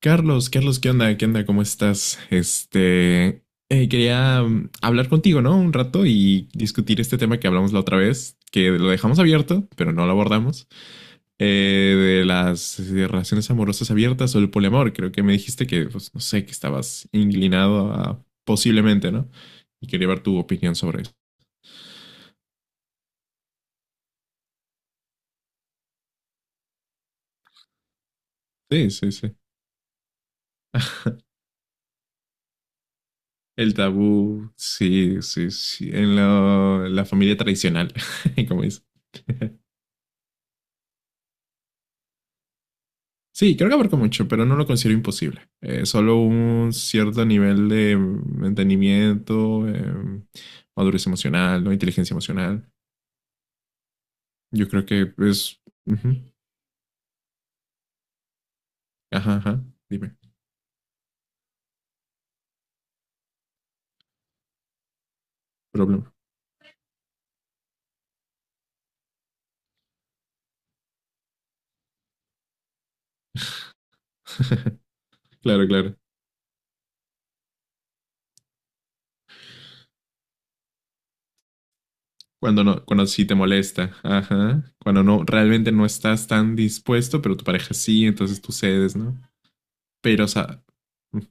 Carlos, Carlos, ¿qué onda? ¿Qué onda? ¿Cómo estás? Quería hablar contigo, ¿no? Un rato y discutir este tema que hablamos la otra vez, que lo dejamos abierto, pero no lo abordamos, eh, de las relaciones amorosas abiertas o el poliamor. Creo que me dijiste que, pues, no sé, que estabas inclinado a posiblemente, ¿no? Y quería ver tu opinión sobre eso. Sí, sí, sí. El tabú, sí, sí, sí. La familia tradicional, como dices. Sí, creo que abarca mucho, pero no lo considero imposible. Solo un cierto nivel de entendimiento, madurez emocional, ¿no? Inteligencia emocional. Yo creo que es... Ujú. Ajá, ajá, dime, problema. Claro, claro. Cuando no, cuando sí te molesta, ajá. Cuando no, realmente no estás tan dispuesto, pero tu pareja sí, entonces tú cedes, ¿no? Pero, o sea, ujú.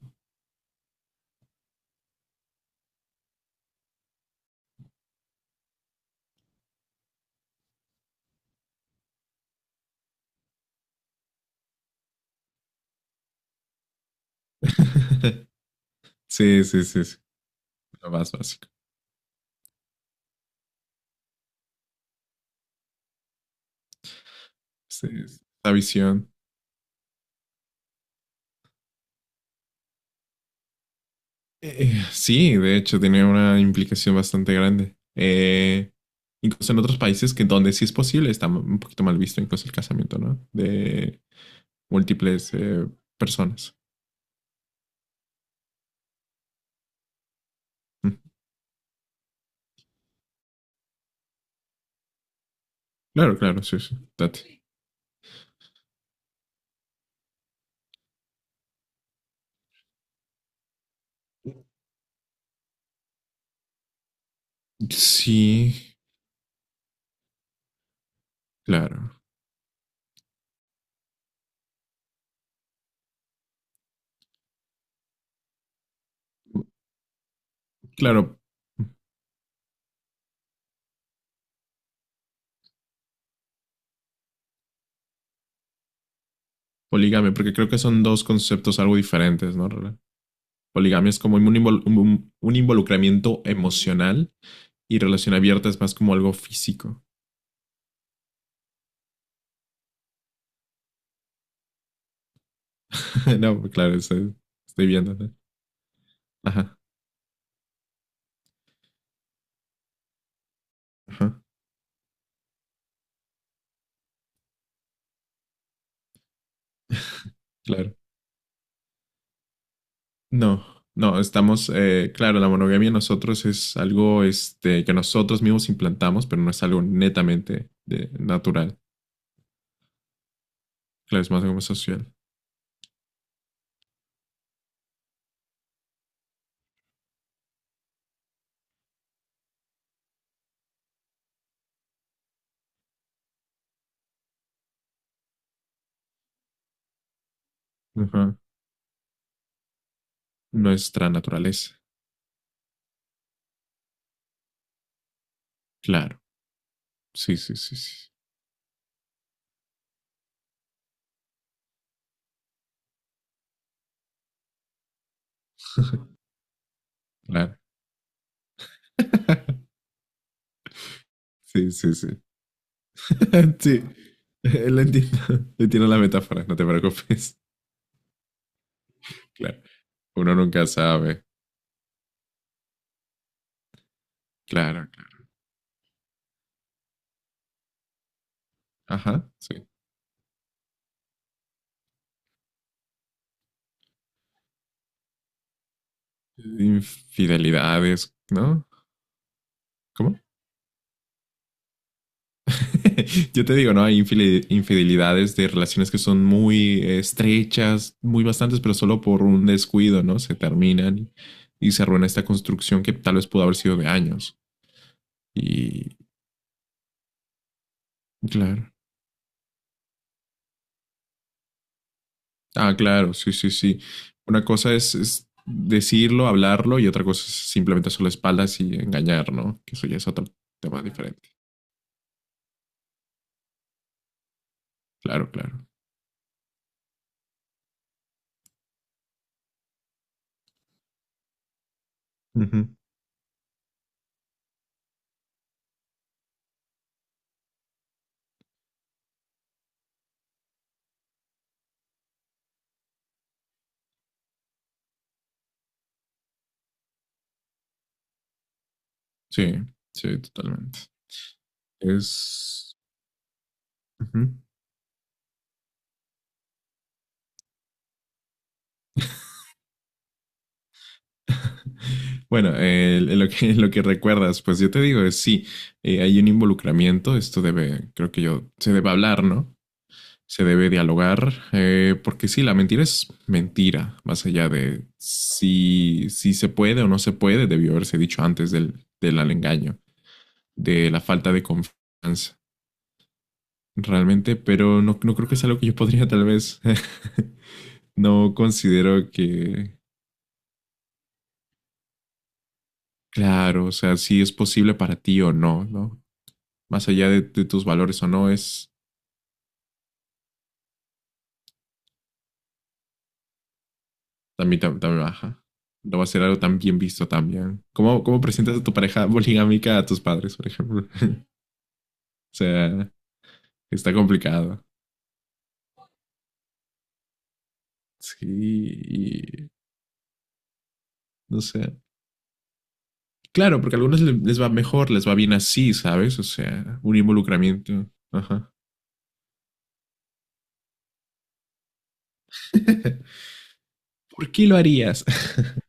Sí, sí, sí, sí, lo más básico. Sí, sí, la visión. Sí, de hecho, tiene una implicación bastante grande. Incluso en otros países que donde sí es posible está un poquito mal visto incluso el casamiento, ¿no? De múltiples personas. Mm. Claro, claro, sí, sí, date. Sí, claro. Claro, poligamia, porque creo que son dos conceptos algo diferentes, ¿no? ¿Roland? Poligamia es como un involucramiento emocional. Y relación abierta es más como algo físico. No, claro, estoy, estoy viendo, ¿no? Ajá, ajá, claro. No, no, estamos, claro, la monogamia nosotros es algo que nosotros mismos implantamos, pero no es algo netamente natural. Claro, es más como social. Ajá. Nuestra naturaleza. Claro. Sí, sí, sí, sí. Claro. Sí, sí, sí. Sí, lo entiendo. Entiendo la metáfora, no te preocupes. Claro, uno nunca sabe. Claro, claro. Ajá, sí. Infidelidades, ¿no? ¿Cómo? Yo te digo, ¿no? Hay infidelidades de relaciones que son muy estrechas, muy bastantes, pero solo por un descuido, ¿no? Se terminan y se arruina esta construcción que tal vez pudo haber sido de años. Y claro, ah, claro, sí, sí, sí. Una cosa es decirlo, hablarlo, y otra cosa es simplemente hacer la espalda y engañar, ¿no? Que eso ya es otro tema diferente. Claro, claro. Ujú. Sí, sí, totalmente. Es. Ujú. Bueno, en lo que recuerdas, pues yo te digo, es sí, hay un involucramiento, esto debe, creo que yo, se debe hablar, ¿no? Se debe dialogar, porque sí, la mentira es mentira, más allá de si, si se puede o no se puede, debió haberse dicho antes del engaño, de la falta de confianza, realmente, pero no, no creo que sea algo que yo podría tal vez, no considero que, claro, o sea, si es posible para ti o no, ¿no? Más allá de tus valores o no, es también, también baja. No va a ser algo tan bien visto también. ¿Cómo, cómo presentas a tu pareja poligámica a tus padres, por ejemplo? O sea, está complicado. Sí, y no sé. Claro, porque a algunos les va mejor, les va bien así, ¿sabes? O sea, un involucramiento. Ajá. ¿Por qué lo harías?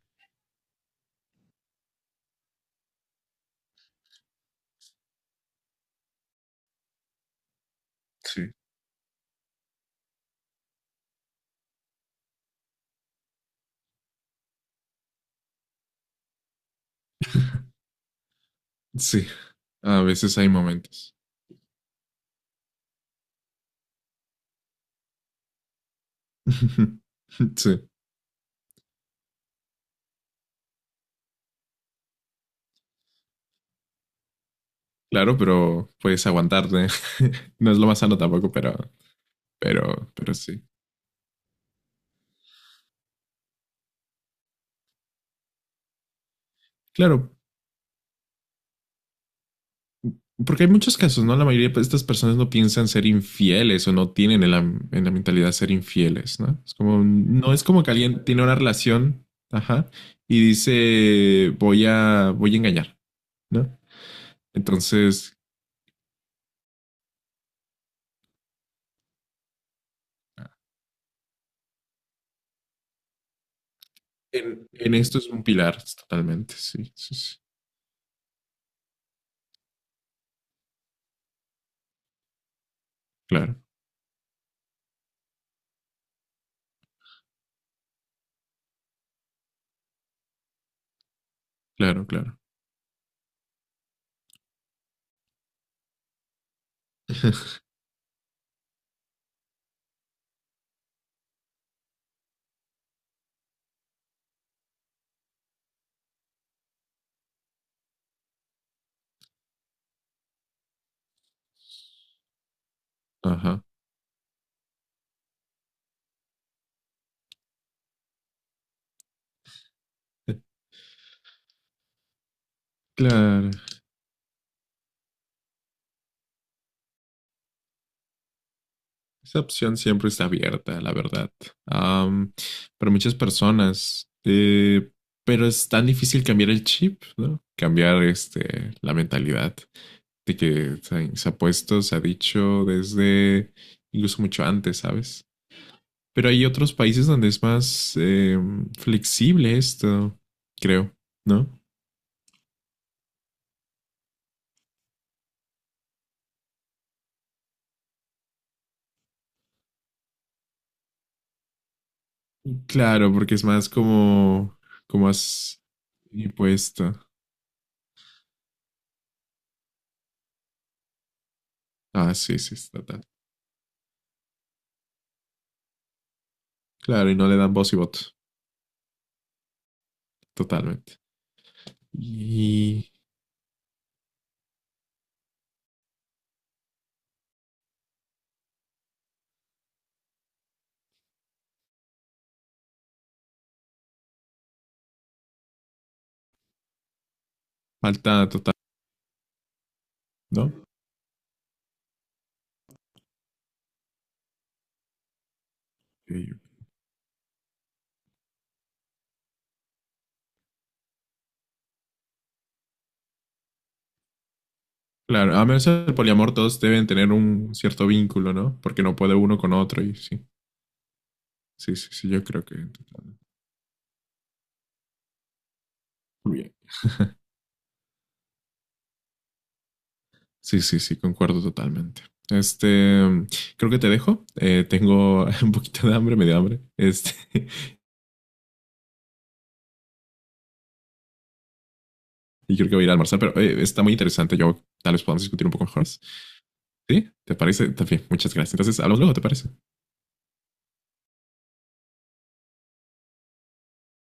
Sí. Sí, a veces hay momentos. Sí, claro, pero puedes aguantarte. No es lo más sano tampoco, pero, pero sí. Claro, porque hay muchos casos, ¿no? La mayoría de estas personas no piensan ser infieles o no tienen en la mentalidad ser infieles, ¿no? Es como, no es como que alguien tiene una relación, ajá, y dice, voy a, voy a engañar, ¿no? Entonces, en esto es un pilar totalmente, sí, sí, sí. Claro, claro, claro. Ajá. Claro. Esa opción siempre está abierta, la verdad, am, para muchas personas, pero es tan difícil cambiar el chip, ¿no? Cambiar la mentalidad de que se ha puesto, se ha dicho desde incluso mucho antes, ¿sabes? Pero hay otros países donde es más flexible esto, creo, ¿no? Claro, porque es más como, como más impuesto. Ah, sí, sí, total. Claro, y no le dan voz y voto, totalmente, y falta total, ¿no? Sí. Claro, a menos el poliamor todos deben tener un cierto vínculo, ¿no? Porque no puede uno con otro y sí, sí, sí, sí, yo creo que totalmente. Muy bien. Sí, sí, sí, concuerdo totalmente. Este, Creo que te dejo. Tengo un poquito de hambre, medio hambre. Este, y creo que voy a ir a almorzar, pero está muy interesante. Yo tal vez podamos discutir un poco mejor. ¿Sí? ¿Te parece? También, muchas gracias. Entonces, hablamos luego, ¿te parece?